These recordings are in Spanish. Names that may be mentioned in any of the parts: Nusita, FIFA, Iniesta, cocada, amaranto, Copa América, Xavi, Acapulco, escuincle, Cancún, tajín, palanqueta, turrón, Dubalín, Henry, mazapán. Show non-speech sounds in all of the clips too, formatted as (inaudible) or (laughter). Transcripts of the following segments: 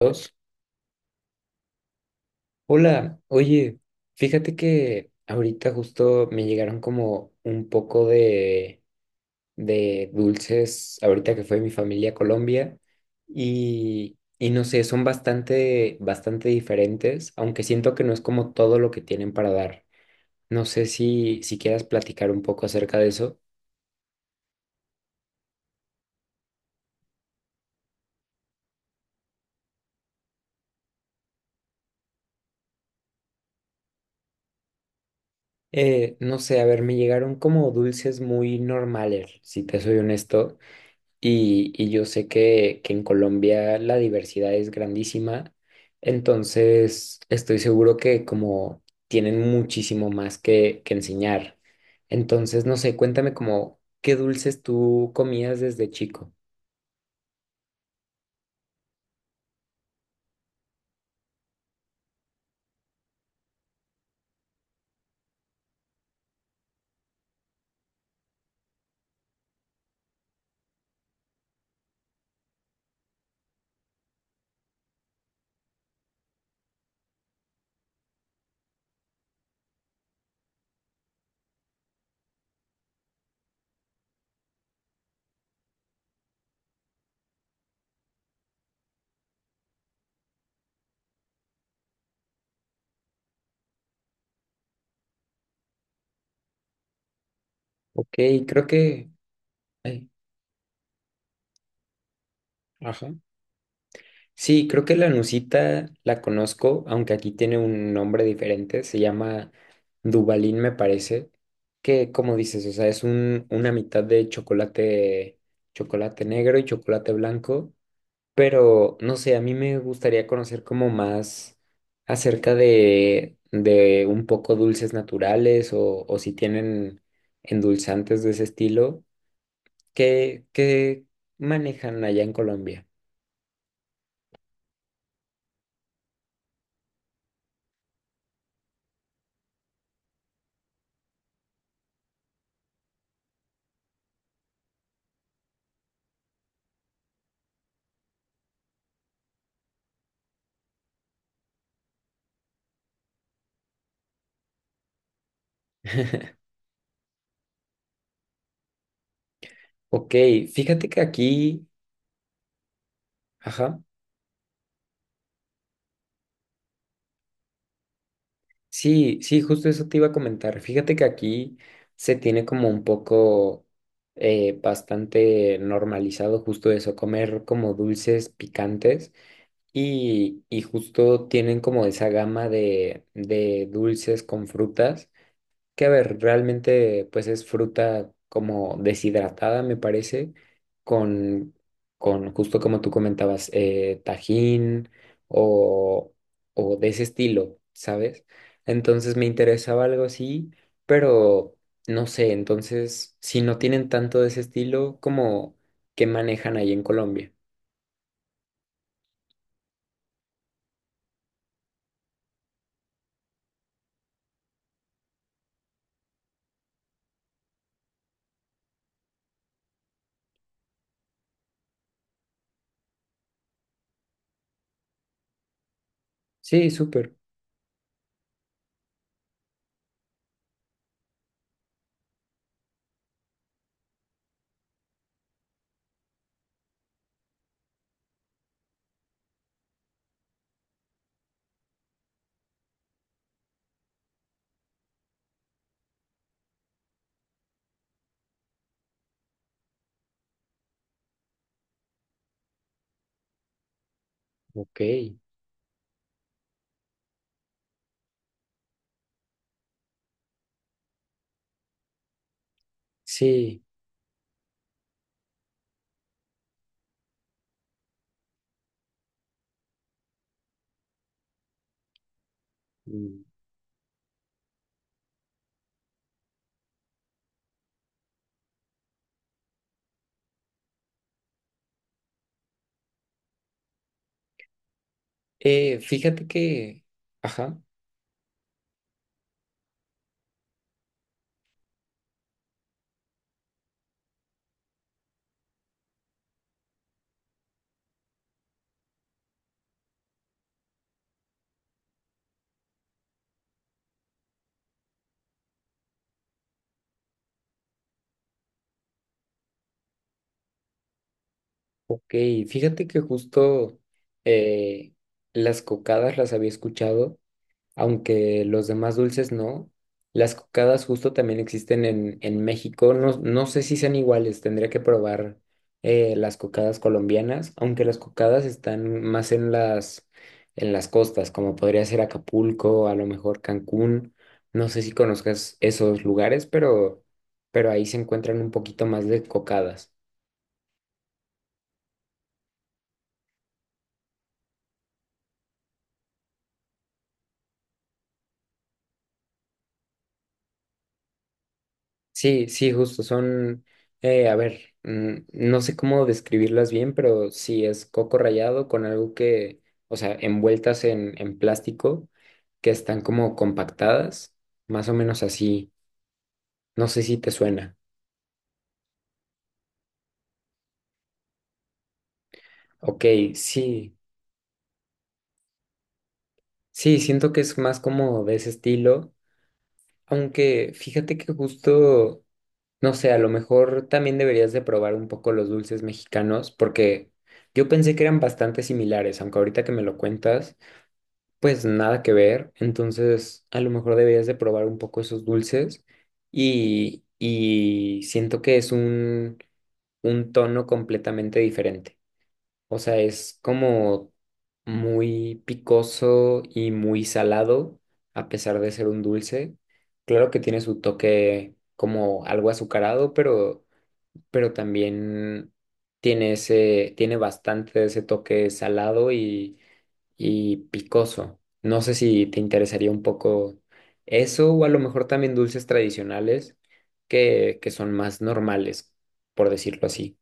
Dos. Hola, oye, fíjate que ahorita justo me llegaron como un poco de dulces, ahorita que fue mi familia a Colombia, y no sé, son bastante, bastante diferentes, aunque siento que no es como todo lo que tienen para dar. No sé si quieras platicar un poco acerca de eso. No sé, a ver, me llegaron como dulces muy normales, si te soy honesto. Y yo sé que en Colombia la diversidad es grandísima, entonces estoy seguro que como tienen muchísimo más que enseñar. Entonces, no sé, cuéntame como qué dulces tú comías desde chico. Ok, creo que... ay, ajá. Sí, creo que la Nusita la conozco, aunque aquí tiene un nombre diferente, se llama Dubalín, me parece, que como dices, o sea, es una mitad de chocolate, chocolate negro y chocolate blanco, pero no sé, a mí me gustaría conocer como más acerca de un poco dulces naturales o si tienen endulzantes de ese estilo, que manejan allá en Colombia. (laughs) Ok, fíjate que aquí, ajá, sí, sí, justo eso te iba a comentar. Fíjate que aquí se tiene como un poco bastante normalizado justo eso, comer como dulces picantes y justo tienen como esa gama de dulces con frutas. Que a ver, realmente pues es fruta como deshidratada, me parece, con, con justo como tú comentabas, tajín o, o de ese estilo, ¿sabes? Entonces me interesaba algo así, pero no sé, entonces si no tienen tanto de ese estilo, ¿como que manejan ahí en Colombia? Sí, súper. Ok, sí. Mm. Fíjate que, ajá. Ok, fíjate que justo eh, las cocadas las había escuchado, aunque los demás dulces no. Las cocadas justo también existen en México. No, no sé si sean iguales, tendría que probar las cocadas colombianas, aunque las cocadas están más en las costas, como podría ser Acapulco, a lo mejor Cancún. No sé si conozcas esos lugares, pero ahí se encuentran un poquito más de cocadas. Sí, sí, justo, son, a ver, mm, no sé cómo describirlas bien, pero sí es coco rallado con algo que, o sea, envueltas en plástico, que están como compactadas, más o menos así, no sé si te suena. Ok, sí, sí, siento que es más como de ese estilo, aunque fíjate que justo, no sé, a lo mejor también deberías de probar un poco los dulces mexicanos, porque yo pensé que eran bastante similares, aunque ahorita que me lo cuentas, pues nada que ver, entonces a lo mejor deberías de probar un poco esos dulces y siento que es un tono completamente diferente, o sea, es como muy picoso y muy salado a pesar de ser un dulce, claro que tiene su toque como algo azucarado, pero también tiene ese, tiene bastante de ese toque salado y picoso. No sé si te interesaría un poco eso o a lo mejor también dulces tradicionales que son más normales, por decirlo así.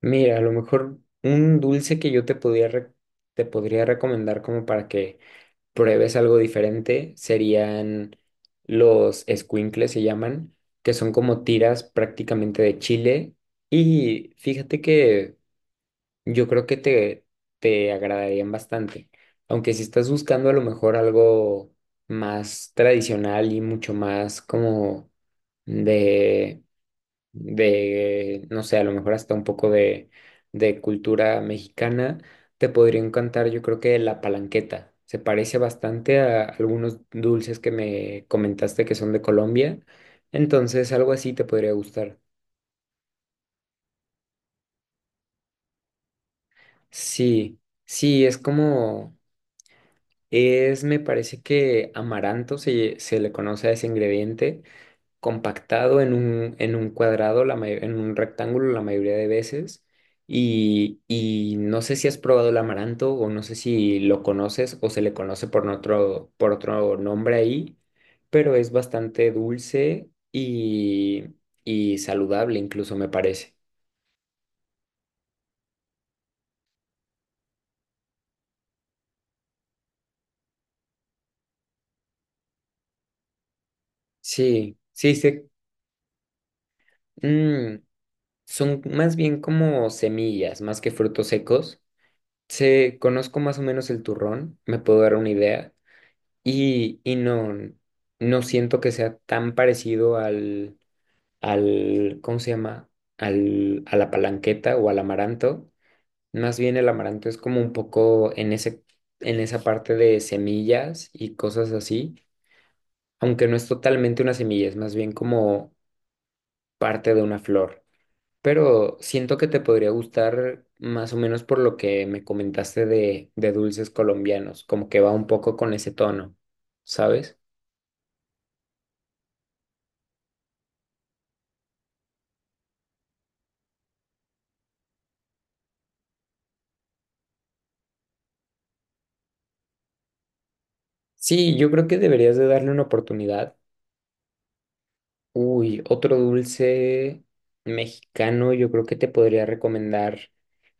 Mira, a lo mejor un dulce que yo te podía te podría recomendar como para que pruebes algo diferente serían los escuincles, se llaman, que son como tiras prácticamente de chile. Y fíjate que yo creo que te agradarían bastante, aunque si estás buscando a lo mejor algo más tradicional y mucho más como de, de, no sé, a lo mejor hasta un poco de cultura mexicana, te podría encantar, yo creo que la palanqueta. Se parece bastante a algunos dulces que me comentaste que son de Colombia, entonces algo así te podría gustar. Sí, sí, es como... Es, me parece que amaranto se le conoce a ese ingrediente compactado en un cuadrado, la en un rectángulo la mayoría de veces. Y no sé si has probado el amaranto o no sé si lo conoces o se le conoce por otro nombre ahí, pero es bastante dulce y saludable incluso me parece. Sí, sí, sí. Mm, son más bien como semillas, más que frutos secos. Sé, conozco más o menos el turrón, me puedo dar una idea y no, no siento que sea tan parecido al, al, ¿cómo se llama? Al, a la palanqueta o al amaranto. Más bien el amaranto es como un poco en ese, en esa parte de semillas y cosas así, aunque no es totalmente una semilla, es más bien como parte de una flor. Pero siento que te podría gustar más o menos por lo que me comentaste de dulces colombianos, como que va un poco con ese tono, ¿sabes? Sí, yo creo que deberías de darle una oportunidad. Uy, otro dulce mexicano, yo creo que te podría recomendar,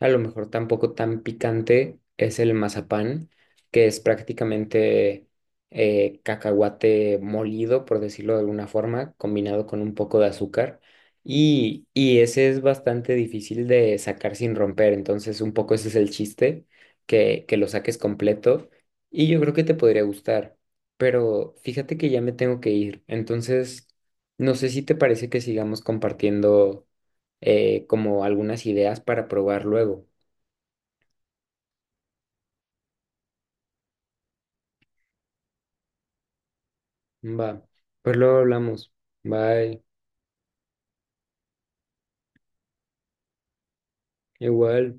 a lo mejor tampoco tan picante, es el mazapán, que es prácticamente cacahuate molido, por decirlo de alguna forma, combinado con un poco de azúcar. Y ese es bastante difícil de sacar sin romper, entonces un poco ese es el chiste, que lo saques completo y yo creo que te podría gustar. Pero fíjate que ya me tengo que ir, entonces... No sé si te parece que sigamos compartiendo como algunas ideas para probar luego. Va, pues luego hablamos. Bye, igual.